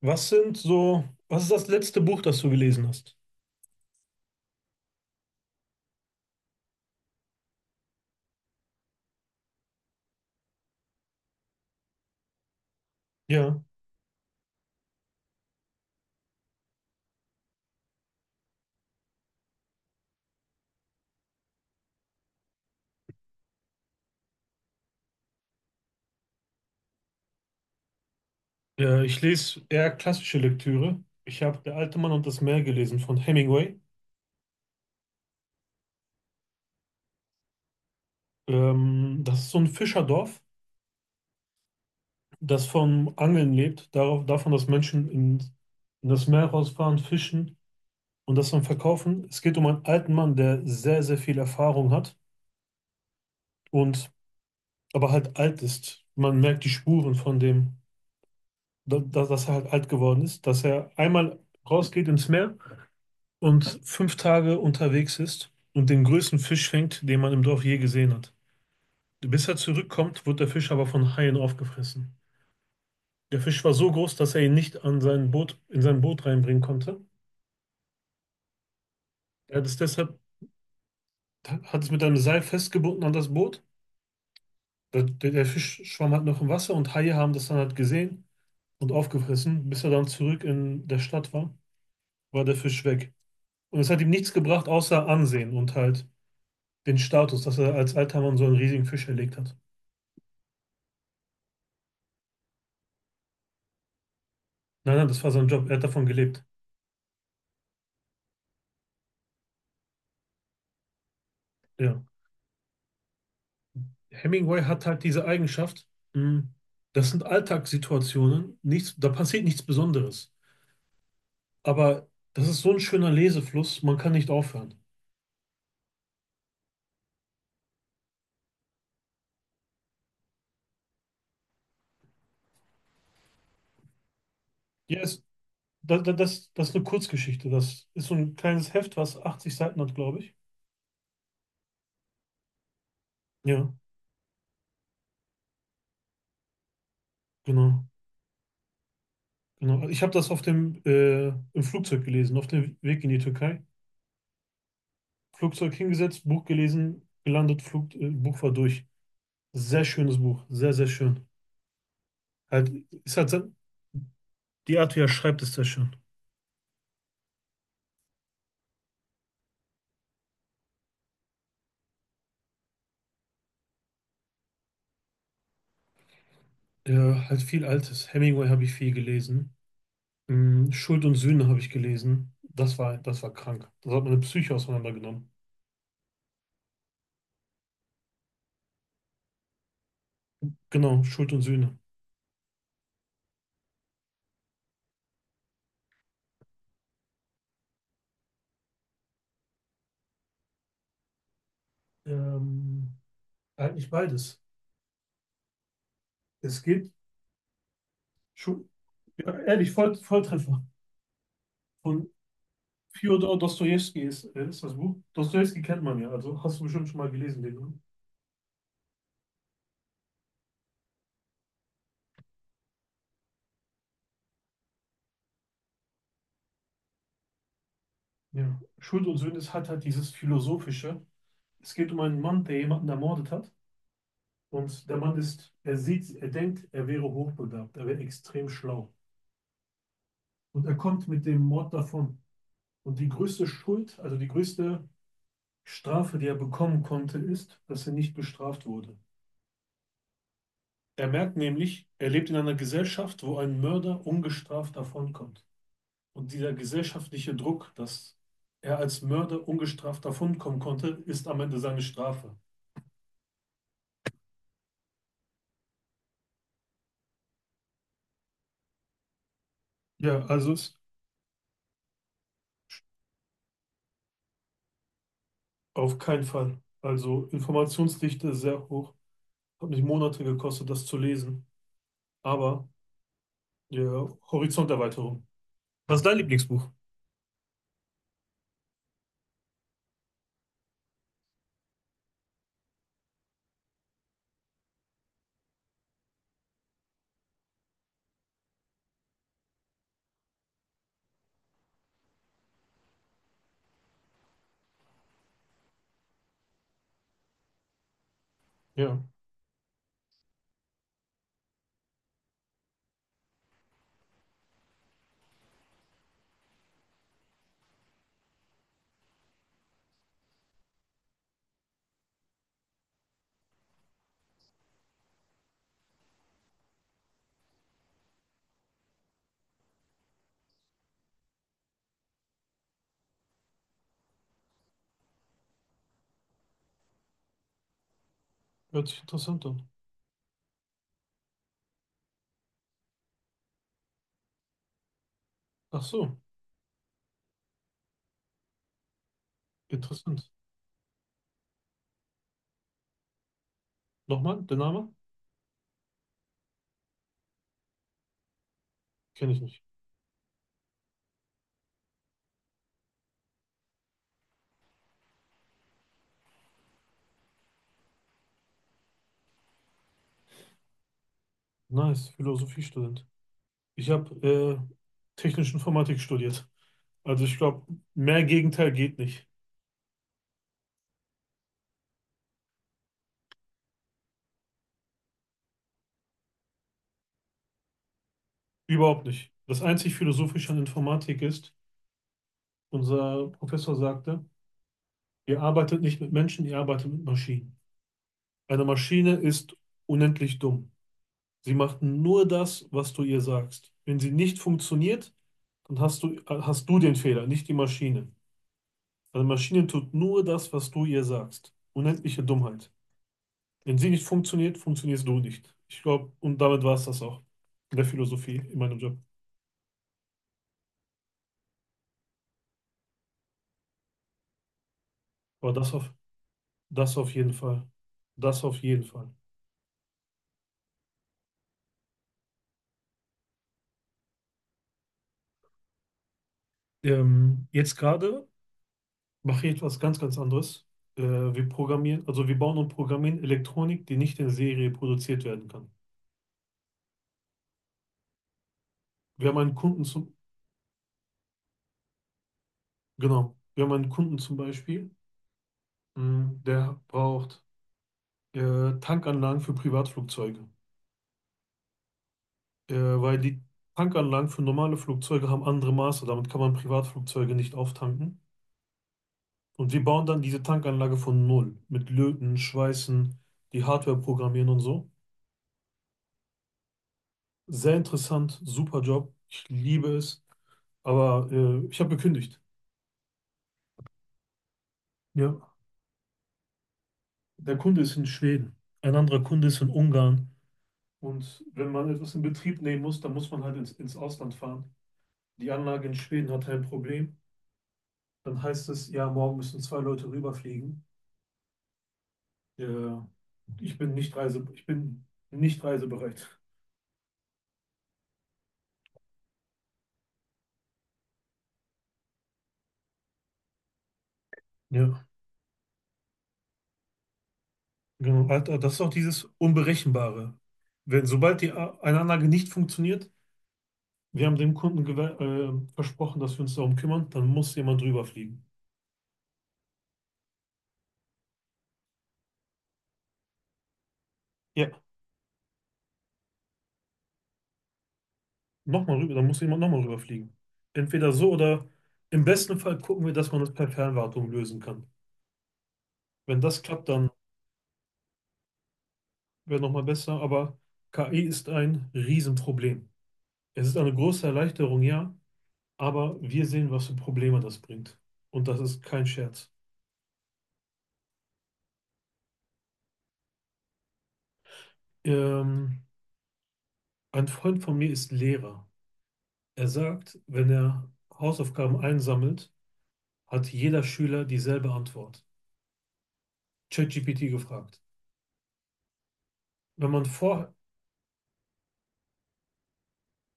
Was sind so, was ist das letzte Buch, das du gelesen hast? Ja, Ich lese eher klassische Lektüre. Ich habe Der alte Mann und das Meer gelesen von Hemingway. Das ist so ein Fischerdorf, das vom Angeln lebt, darauf, davon, dass Menschen in das Meer rausfahren, fischen und das dann verkaufen. Es geht um einen alten Mann, der sehr, sehr viel Erfahrung hat und aber halt alt ist. Man merkt die Spuren von dem, dass er halt alt geworden ist, dass er einmal rausgeht ins Meer und fünf Tage unterwegs ist und den größten Fisch fängt, den man im Dorf je gesehen hat. Bis er zurückkommt, wird der Fisch aber von Haien aufgefressen. Der Fisch war so groß, dass er ihn nicht an sein in sein Boot reinbringen konnte. Er hat es deshalb hat es mit einem Seil festgebunden an das Boot. Der Fisch schwamm halt noch im Wasser und Haie haben das dann halt gesehen und aufgefressen. Bis er dann zurück in der Stadt war, war der Fisch weg. Und es hat ihm nichts gebracht, außer Ansehen und halt den Status, dass er als alter Mann so einen riesigen Fisch erlegt hat. Nein, nein, das war sein Job. Er hat davon gelebt. Ja. Hemingway hat halt diese Eigenschaft. mh, Das sind Alltagssituationen. Nichts, da passiert nichts Besonderes. Aber das ist so ein schöner Lesefluss. Man kann nicht aufhören. Ja, es, das ist eine Kurzgeschichte. Das ist so ein kleines Heft, was 80 Seiten hat, glaube ich. Ja, genau. Genau. Also ich habe das auf dem im Flugzeug gelesen, auf dem Weg in die Türkei. Flugzeug hingesetzt, Buch gelesen, gelandet, Buch war durch. Sehr schönes Buch. Sehr, sehr schön. Halt, ist halt, so- Die Art, wie er schreibt, ist sehr schön. Ja, halt viel Altes. Hemingway habe ich viel gelesen. Mm, Schuld und Sühne habe ich gelesen. Das war krank. Das hat meine Psyche auseinandergenommen. Genau, Schuld und Sühne. Ähm, Eigentlich beides. Es geht, Schu- ja, ehrlich, Voll, Volltreffer. Von Fjodor Dostojewski ist das Buch. Dostojewski kennt man ja, also hast du bestimmt schon mal gelesen, den. Ne? Ja. Schuld und Sühne hat halt dieses Philosophische. Es geht um einen Mann, der jemanden ermordet hat. Und der er sieht, er denkt, er wäre hochbegabt, er wäre extrem schlau. Und er kommt mit dem Mord davon. Und die größte Schuld, also die größte Strafe, die er bekommen konnte, ist, dass er nicht bestraft wurde. Er merkt nämlich, er lebt in einer Gesellschaft, wo ein Mörder ungestraft davonkommt. Und dieser gesellschaftliche Druck, dass er als Mörder ungestraft davonkommen konnte, ist am Ende seine Strafe. Ja, also ist Auf keinen Fall. Also Informationsdichte sehr hoch. Hat mich Monate gekostet, das zu lesen. Aber ja, Horizonterweiterung. Was ist dein Lieblingsbuch? Ja, hört sich interessant an. Ach so, interessant. Nochmal, der Name? Kenne ich nicht. Nice, Philosophiestudent. Ich habe technische Informatik studiert. Also ich glaube, mehr Gegenteil geht nicht. Überhaupt nicht. Das einzig Philosophische an Informatik ist, unser Professor sagte, ihr arbeitet nicht mit Menschen, ihr arbeitet mit Maschinen. Eine Maschine ist unendlich dumm. Sie macht nur das, was du ihr sagst. Wenn sie nicht funktioniert, dann hast du den Fehler, nicht die Maschine. Also die Maschine tut nur das, was du ihr sagst. Unendliche Dummheit. Wenn sie nicht funktioniert, funktionierst du nicht. Ich glaube, und damit war es das auch. In der Philosophie, in meinem Job. Aber das auf, das auf jeden Fall. Das auf jeden Fall. Jetzt gerade mache ich etwas ganz, ganz anderes. Wir bauen und programmieren Elektronik, die nicht in Serie produziert werden kann. Wir haben einen Kunden, zum, Genau. Wir haben einen Kunden zum Beispiel, der braucht Tankanlagen für Privatflugzeuge, weil die Tankanlagen für normale Flugzeuge haben andere Maße. Damit kann man Privatflugzeuge nicht auftanken. Und wir bauen dann diese Tankanlage von Null mit Löten, Schweißen, die Hardware programmieren und so. Sehr interessant, super Job. Ich liebe es. Aber ich habe gekündigt. Ja. Der Kunde ist in Schweden. Ein anderer Kunde ist in Ungarn. Und wenn man etwas in Betrieb nehmen muss, dann muss man halt ins Ausland fahren. Die Anlage in Schweden hatte ein Problem. Dann heißt es, ja, morgen müssen zwei Leute rüberfliegen. Ja, ich bin nicht reisebereit. Ja, genau. Alter, das ist auch dieses Unberechenbare. Wenn, sobald eine Anlage nicht funktioniert, wir haben dem Kunden versprochen, dass wir uns darum kümmern, dann muss jemand drüber. Ja. Nochmal rüber, dann muss jemand nochmal rüberfliegen. Entweder so oder im besten Fall gucken wir, dass man das per Fernwartung lösen kann. Wenn das klappt, dann wäre nochmal besser, aber KI ist ein Riesenproblem. Es ist eine große Erleichterung, ja, aber wir sehen, was für Probleme das bringt. Und das ist kein Scherz. Ähm, ein Freund von mir ist Lehrer. Er sagt, wenn er Hausaufgaben einsammelt, hat jeder Schüler dieselbe Antwort. ChatGPT gefragt. Wenn man vor,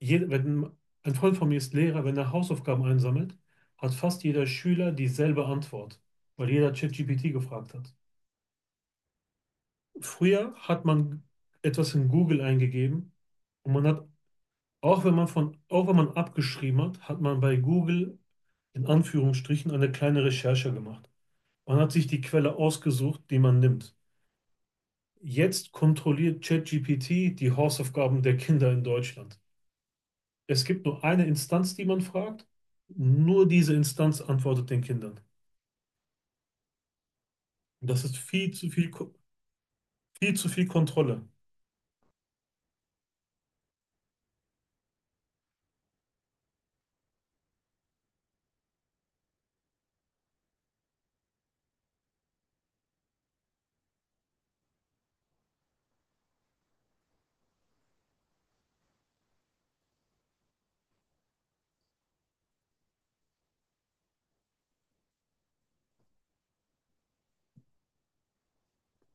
jed- wenn Ein Freund von mir ist Lehrer, wenn er Hausaufgaben einsammelt, hat fast jeder Schüler dieselbe Antwort, weil jeder ChatGPT gefragt hat. Früher hat man etwas in Google eingegeben und auch wenn man auch wenn man abgeschrieben hat, hat man bei Google in Anführungsstrichen eine kleine Recherche gemacht. Man hat sich die Quelle ausgesucht, die man nimmt. Jetzt kontrolliert ChatGPT die Hausaufgaben der Kinder in Deutschland. Es gibt nur eine Instanz, die man fragt. Nur diese Instanz antwortet den Kindern. Und das ist viel zu viel Kontrolle.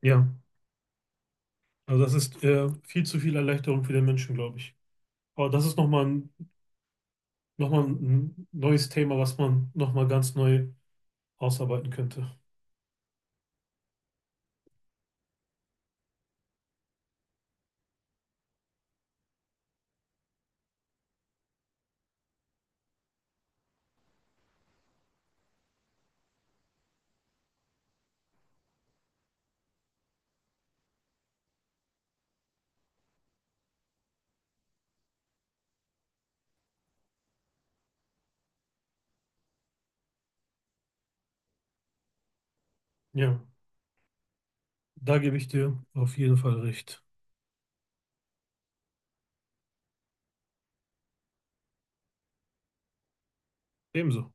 Ja, also das ist viel zu viel Erleichterung für den Menschen, glaube ich. Aber das ist nochmal ein neues Thema, was man nochmal ganz neu ausarbeiten könnte. Ja, da gebe ich dir auf jeden Fall recht. Ebenso.